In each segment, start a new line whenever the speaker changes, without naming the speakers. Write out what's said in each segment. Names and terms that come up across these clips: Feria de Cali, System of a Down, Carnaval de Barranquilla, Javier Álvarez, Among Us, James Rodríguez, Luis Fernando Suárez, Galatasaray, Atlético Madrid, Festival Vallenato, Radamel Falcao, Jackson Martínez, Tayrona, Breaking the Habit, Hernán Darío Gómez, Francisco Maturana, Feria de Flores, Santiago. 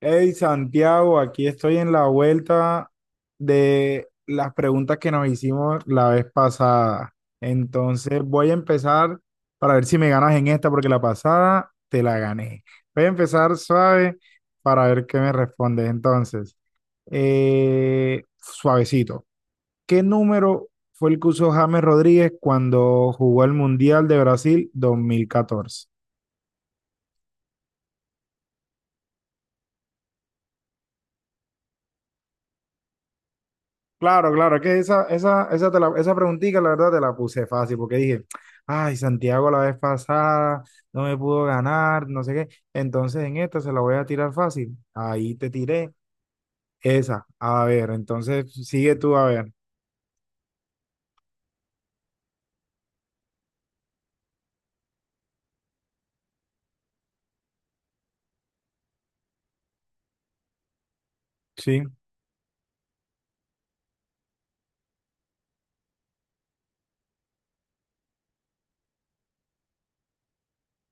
Hey Santiago, aquí estoy en la vuelta de las preguntas que nos hicimos la vez pasada. Entonces voy a empezar para ver si me ganas en esta, porque la pasada te la gané. Voy a empezar suave para ver qué me respondes. Entonces, suavecito. ¿Qué número fue el que usó James Rodríguez cuando jugó el Mundial de Brasil 2014? Claro, claro, es que esa preguntita, la verdad, te la puse fácil, porque dije, ay, Santiago la vez pasada no me pudo ganar, no sé qué, entonces en esta se la voy a tirar fácil. Ahí te tiré esa. A ver, entonces sigue tú, a ver, sí.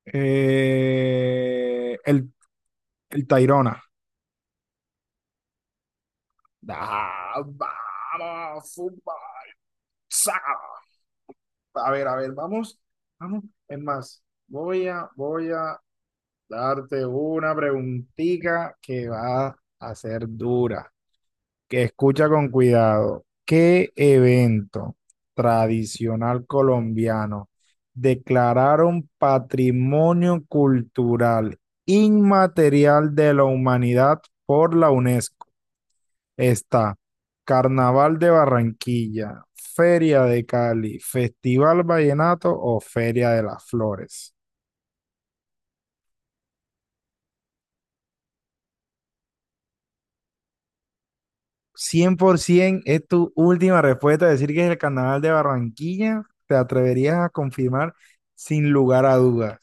Eh, el, el Tayrona. Ah, vamos, fútbol, saca. A ver, vamos, vamos. Es más, voy a darte una preguntita que va a ser dura. Que escucha con cuidado. ¿Qué evento tradicional colombiano declararon patrimonio cultural inmaterial de la humanidad por la UNESCO? Está Carnaval de Barranquilla, Feria de Cali, Festival Vallenato o Feria de las Flores. 100% es tu última respuesta. Decir que es el carnaval de Barranquilla, te atreverías a confirmar sin lugar a dudas.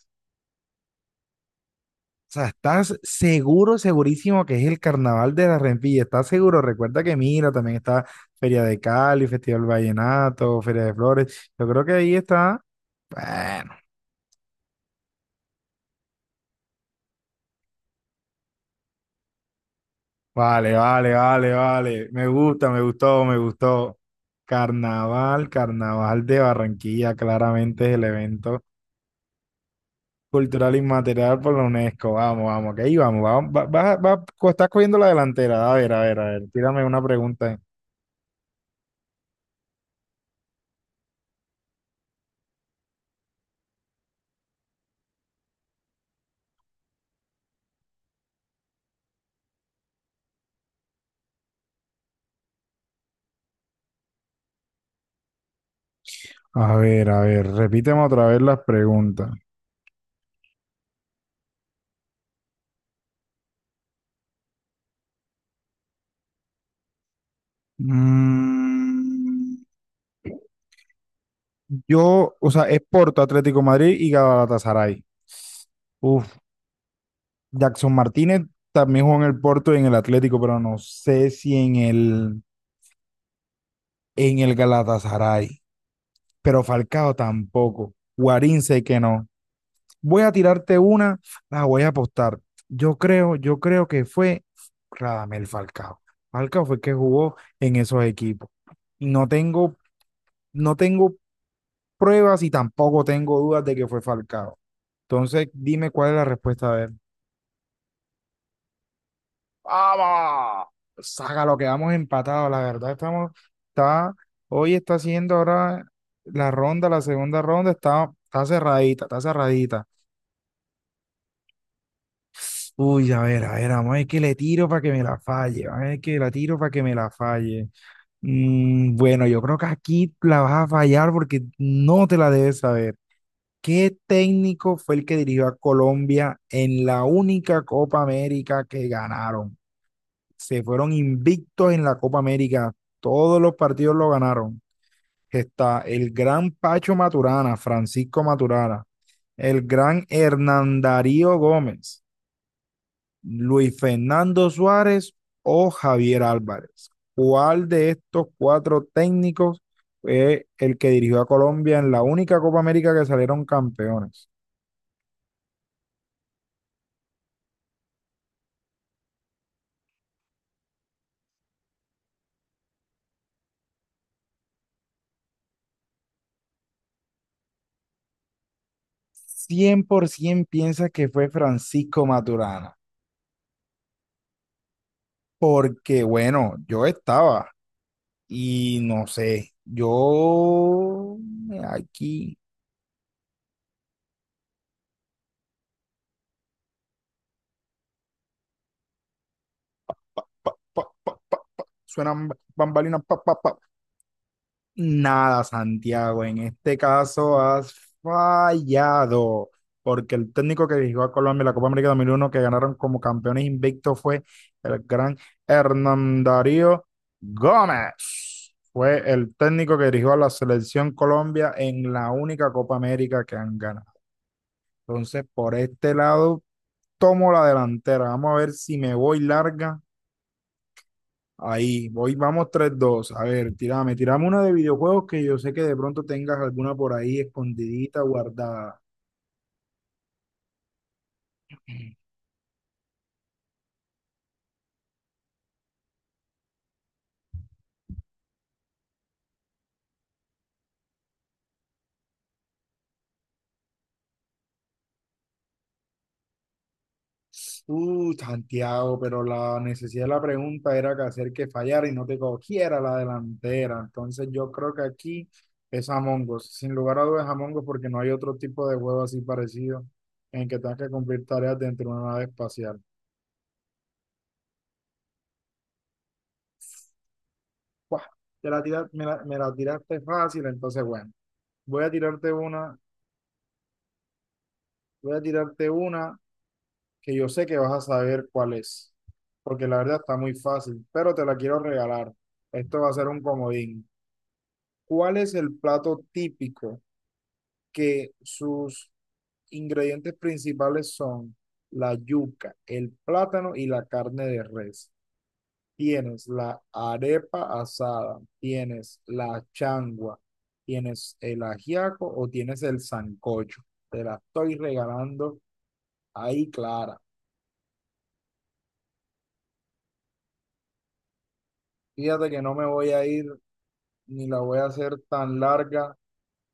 O sea, estás seguro, segurísimo que es el carnaval de la Barranquilla. Estás seguro. Recuerda que mira, también está Feria de Cali, Festival Vallenato, Feria de Flores. Yo creo que ahí está. Bueno, vale, vale, vale, vale. Me gusta, me gustó, me gustó. Carnaval, Carnaval de Barranquilla, claramente es el evento cultural inmaterial por la UNESCO. Vamos, vamos, que ahí vamos. Vamos, estás cogiendo la delantera. A ver, a ver, a ver. Tírame una pregunta. A ver, a ver. Repíteme otra vez las preguntas. Mm, o sea, es Porto, Atlético Madrid y Galatasaray. Uf, Jackson Martínez también jugó en el Porto y en el Atlético, pero no sé si en el, Galatasaray. Pero Falcao tampoco. Guarín sé que no. Voy a tirarte una, la voy a apostar. Yo creo que fue Radamel Falcao. Falcao fue el que jugó en esos equipos. Y no tengo pruebas y tampoco tengo dudas de que fue Falcao. Entonces, dime cuál es la respuesta de él. ¡Vamos! Saca lo que vamos empatados, la verdad estamos, está, hoy está haciendo ahora la ronda, la segunda ronda, está cerradita, está cerradita. Uy, a ver, vamos a ver que le tiro para que me la falle, vamos a ver que la tiro para que me la falle. Bueno, yo creo que aquí la vas a fallar porque no te la debes saber. ¿Qué técnico fue el que dirigió a Colombia en la única Copa América que ganaron? Se fueron invictos en la Copa América, todos los partidos lo ganaron. Está el gran Pacho Maturana, Francisco Maturana, el gran Hernán Darío Gómez. Luis Fernando Suárez o Javier Álvarez. ¿Cuál de estos cuatro técnicos fue el que dirigió a Colombia en la única Copa América que salieron campeones? 100% piensa que fue Francisco Maturana, porque bueno, yo estaba y no sé, yo aquí pa, pa, suenan bambalinas, pa, pa, pa, nada, Santiago, en este caso has fallado, porque el técnico que dirigió a Colombia en la Copa América 2001 que ganaron como campeones invictos, fue el gran Hernán Darío Gómez. Fue el técnico que dirigió a la selección Colombia en la única Copa América que han ganado. Entonces, por este lado, tomo la delantera. Vamos a ver si me voy larga. Ahí, voy, vamos tres, dos. A ver, tirame, tirame una de videojuegos que yo sé que de pronto tengas alguna por ahí escondidita, guardada. Santiago, pero la necesidad de la pregunta era que hacer que fallara y no te cogiera la delantera. Entonces yo creo que aquí es Among Us. Sin lugar a dudas Among Us porque no hay otro tipo de juego así parecido en que tengas que cumplir tareas dentro de una nave espacial. ¡Guau! Te la tira- me la tiraste fácil, entonces bueno, voy a tirarte una, voy a tirarte una que yo sé que vas a saber cuál es, porque la verdad está muy fácil, pero te la quiero regalar. Esto va a ser un comodín. ¿Cuál es el plato típico que sus ingredientes principales son la yuca, el plátano y la carne de res? Tienes la arepa asada, tienes la changua, tienes el ajiaco o tienes el sancocho. Te la estoy regalando ahí, Clara. Fíjate que no me voy a ir ni la voy a hacer tan larga,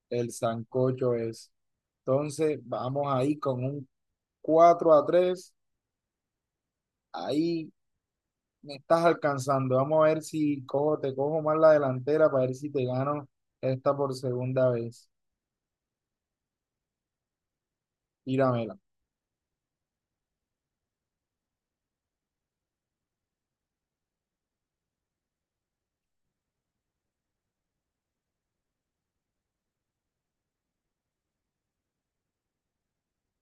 el sancocho es. Entonces, vamos ahí con un 4-3 ahí me estás alcanzando. Vamos a ver si te cojo más la delantera para ver si te gano esta por segunda vez. Tíramela.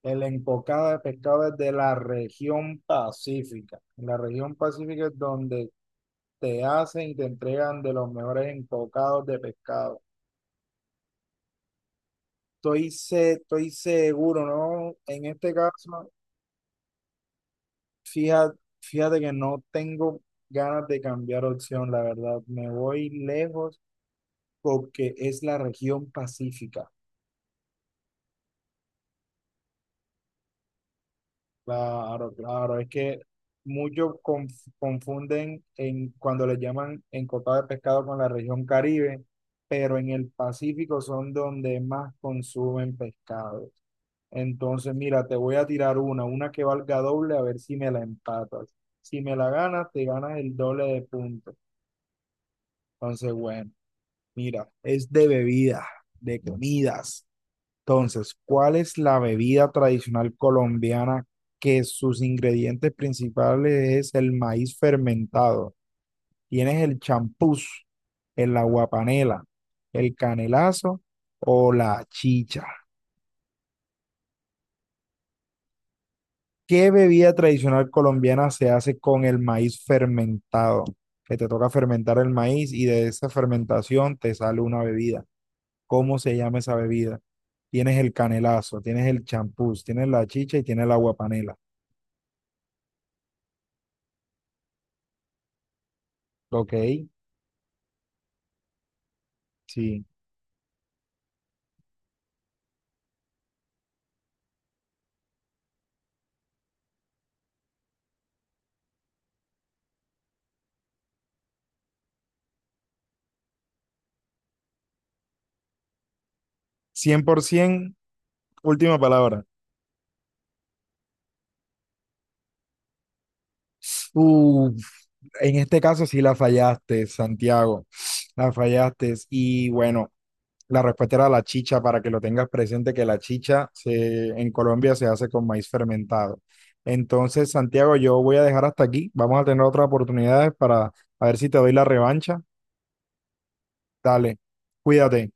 El encocado de pescado es de la región pacífica. En la región pacífica es donde te hacen y te entregan de los mejores encocados de pescado. Estoy seguro, ¿no? En este caso, fíjate que no tengo ganas de cambiar opción, la verdad. Me voy lejos porque es la región pacífica. Claro, claro. Es que muchos confunden en, cuando le llaman encotada de pescado con la región Caribe, pero en el Pacífico son donde más consumen pescado. Entonces, mira, te voy a tirar una que valga doble, a ver si me la empatas. Si me la ganas, te ganas el doble de puntos. Entonces, bueno. Mira, es de bebidas, de comidas. Entonces, ¿cuál es la bebida tradicional colombiana que sus ingredientes principales es el maíz fermentado? Tienes el champús, el aguapanela, el canelazo o la chicha. ¿Qué bebida tradicional colombiana se hace con el maíz fermentado? Que te toca fermentar el maíz y de esa fermentación te sale una bebida. ¿Cómo se llama esa bebida? Tienes el canelazo, tienes el champús, tienes la chicha y tienes el agua panela. Ok, sí. 100%, última palabra. Uf, en este caso sí la fallaste, Santiago. La fallaste. Y bueno, la respuesta era la chicha, para que lo tengas presente, que la chicha se, en Colombia se hace con maíz fermentado. Entonces, Santiago, yo voy a dejar hasta aquí. Vamos a tener otras oportunidades para a ver si te doy la revancha. Dale, cuídate.